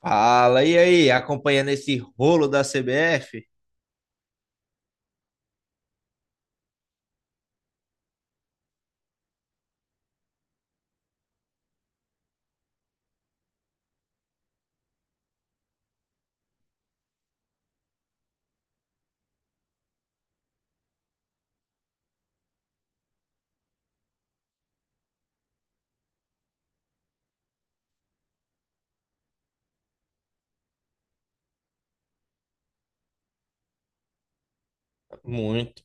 Fala, e aí? Acompanhando esse rolo da CBF? Muito.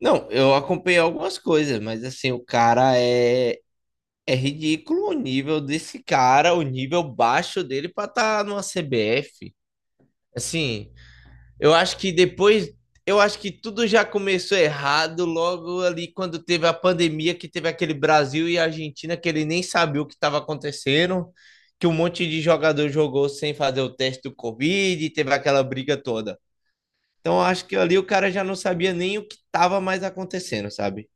Não, eu acompanhei algumas coisas, mas assim, o cara é ridículo o nível desse cara, o nível baixo dele pra estar numa CBF. Assim, eu acho que depois, eu acho que tudo já começou errado logo ali quando teve a pandemia, que teve aquele Brasil e Argentina que ele nem sabia o que estava acontecendo, que um monte de jogador jogou sem fazer o teste do Covid, e teve aquela briga toda. Então acho que ali o cara já não sabia nem o que estava mais acontecendo, sabe?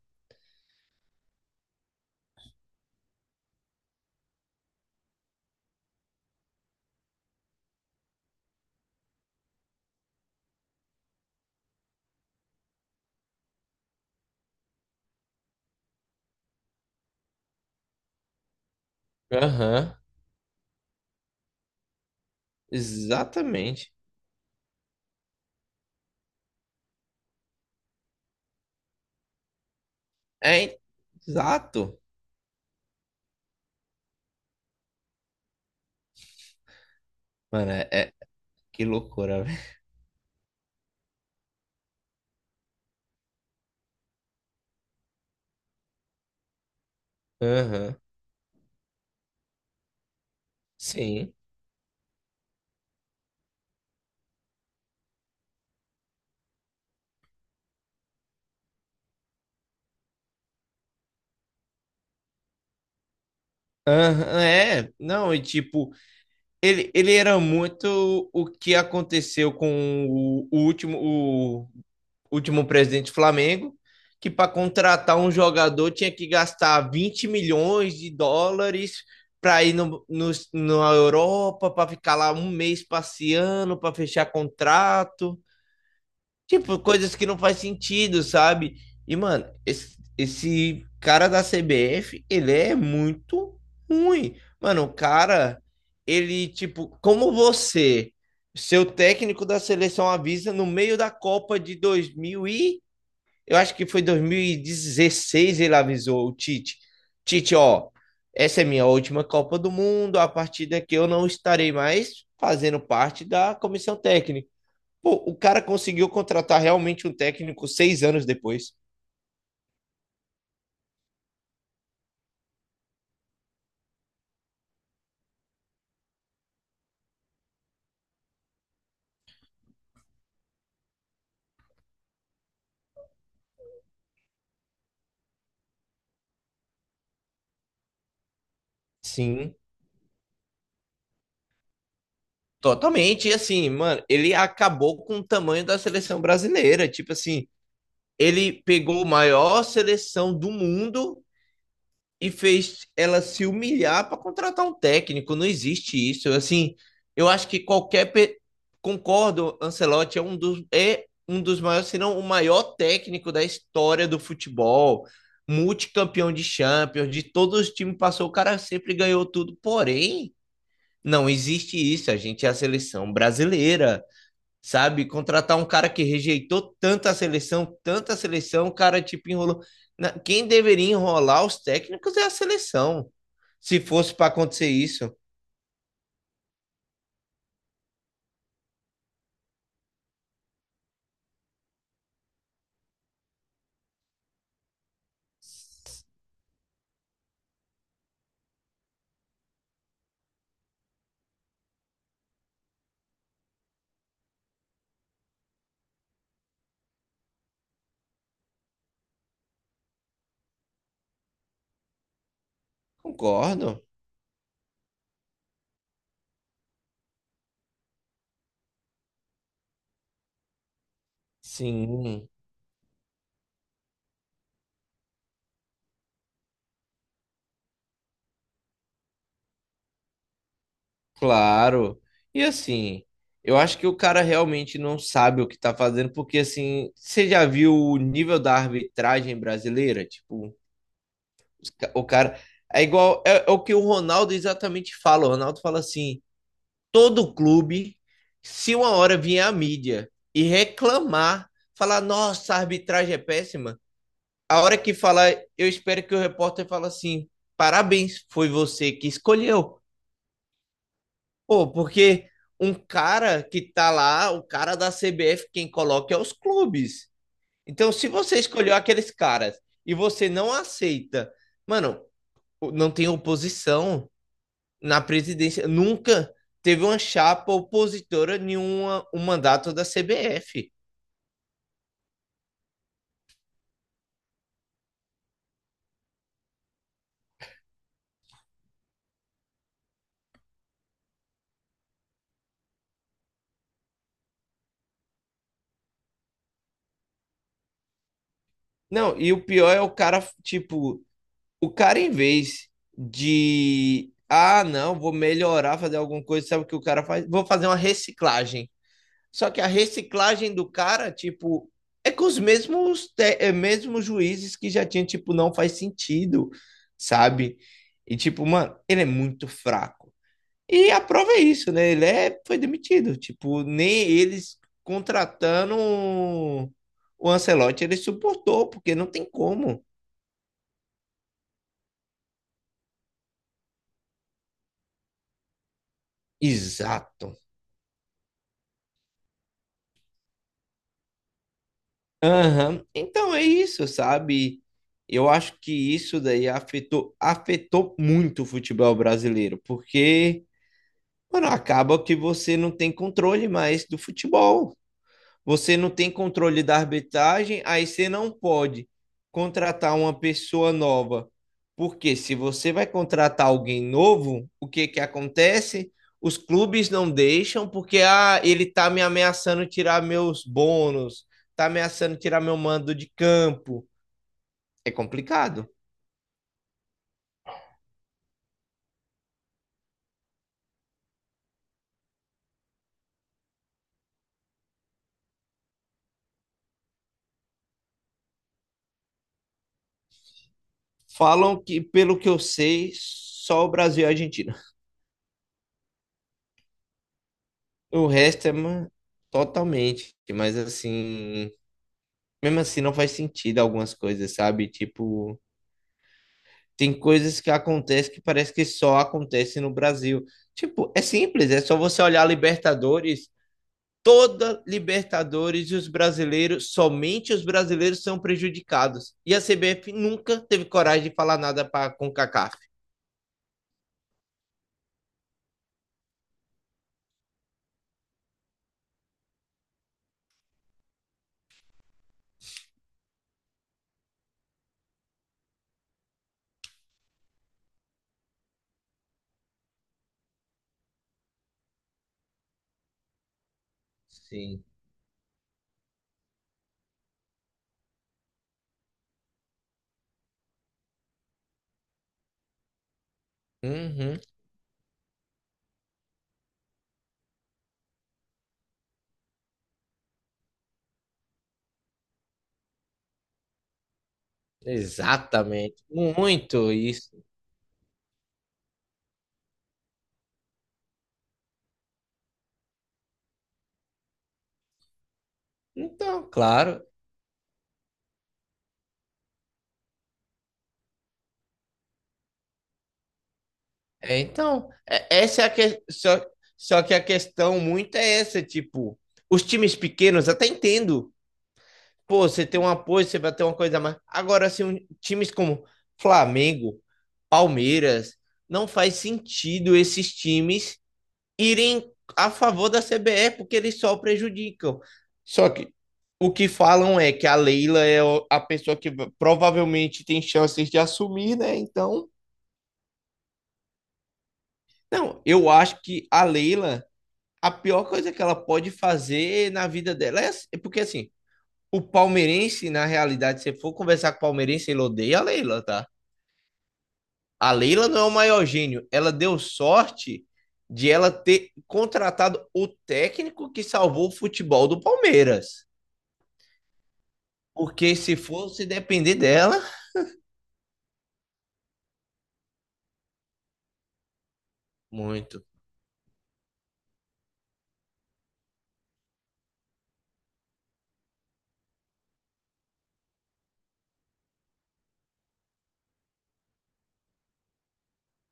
Aham. Exatamente. É, hein? Exato. Mano, que loucura, velho. Aham. Sim. Aham, é, não, e tipo, ele era muito o que aconteceu com o último presidente do Flamengo, que para contratar um jogador tinha que gastar 20 milhões de dólares para ir no, no, na Europa, para ficar lá um mês passeando, para fechar contrato. Tipo, coisas que não faz sentido, sabe? E, mano, esse cara da CBF, ele é muito ruim. Mano, o cara, ele, tipo, como você, seu técnico da seleção avisa no meio da Copa de 2000 e eu acho que foi 2016 ele avisou o Tite. Tite, ó, essa é minha última Copa do Mundo, a partir daqui eu não estarei mais fazendo parte da comissão técnica. Pô, o cara conseguiu contratar realmente um técnico 6 anos depois. Sim, totalmente. E assim, mano, ele acabou com o tamanho da seleção brasileira. Tipo assim, ele pegou a maior seleção do mundo e fez ela se humilhar para contratar um técnico. Não existe isso. Assim, eu acho que qualquer pe- concordo, Ancelotti é um dos maiores, se não o maior técnico da história do futebol, multicampeão de Champions, de todos os times passou, o cara sempre ganhou tudo. Porém, não existe isso. A gente é a seleção brasileira, sabe? Contratar um cara que rejeitou tanta seleção, o cara tipo enrolou. Quem deveria enrolar os técnicos é a seleção, se fosse para acontecer isso. Concordo. Sim, claro. E assim, eu acho que o cara realmente não sabe o que tá fazendo, porque assim, você já viu o nível da arbitragem brasileira? O cara. É igual. É o que o Ronaldo exatamente fala. O Ronaldo fala assim, todo clube, se uma hora vier a mídia e reclamar, falar, nossa, a arbitragem é péssima, a hora que falar, eu espero que o repórter fale assim, parabéns, foi você que escolheu. Pô, porque um cara que tá lá, o cara da CBF, quem coloca é os clubes. Então, se você escolheu aqueles caras e você não aceita, mano, não tem oposição, na presidência, nunca teve uma chapa opositora a nenhuma um mandato da CBF. Não, e o pior é o cara, tipo, o cara em vez de ah, não, vou melhorar, fazer alguma coisa, sabe o que o cara faz? Vou fazer uma reciclagem. Só que a reciclagem do cara, tipo, é com os mesmos, é, mesmos juízes que já tinha, tipo, não faz sentido, sabe? E, tipo, mano, ele é muito fraco. E a prova é isso, né? Foi demitido. Tipo, nem eles contratando o Ancelotti, ele suportou, porque não tem como. Exato. Aham. Então é isso, sabe? Eu acho que isso daí afetou muito o futebol brasileiro, porque, mano, acaba que você não tem controle mais do futebol. Você não tem controle da arbitragem, aí você não pode contratar uma pessoa nova. Porque se você vai contratar alguém novo, o que que acontece? Os clubes não deixam porque ah, ele tá me ameaçando tirar meus bônus, tá ameaçando tirar meu mando de campo. É complicado. Falam que, pelo que eu sei, só o Brasil e a Argentina. O resto é mano, totalmente, mas assim, mesmo assim não faz sentido algumas coisas, sabe? Tipo, tem coisas que acontecem que parece que só acontecem no Brasil. Tipo, é simples, é só você olhar a Libertadores, toda Libertadores e os brasileiros, somente os brasileiros são prejudicados. E a CBF nunca teve coragem de falar nada para com CONCACAF. Sim. Uhum, exatamente, muito isso. Então, claro, É, então, é- essa é a que... só, só que a questão muito é essa, tipo, os times pequenos até entendo. Pô, você tem um apoio, você vai ter uma coisa a mais. Agora, assim, times como Flamengo, Palmeiras, não faz sentido esses times irem a favor da CBF, porque eles só prejudicam. Só que o que falam é que a Leila a pessoa que provavelmente tem chances de assumir, né? Então, não, eu acho que a Leila a pior coisa que ela pode fazer na vida dela é porque assim, o palmeirense, na realidade, se for conversar com o palmeirense, ele odeia a Leila, tá? A Leila não é o maior gênio. Ela deu sorte de ela ter contratado o técnico que salvou o futebol do Palmeiras. Porque se fosse depender dela, muito.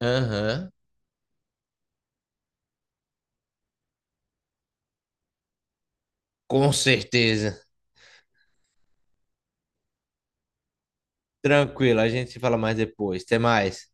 Aham. Uhum. Com certeza. Tranquilo, a gente se fala mais depois. Até mais.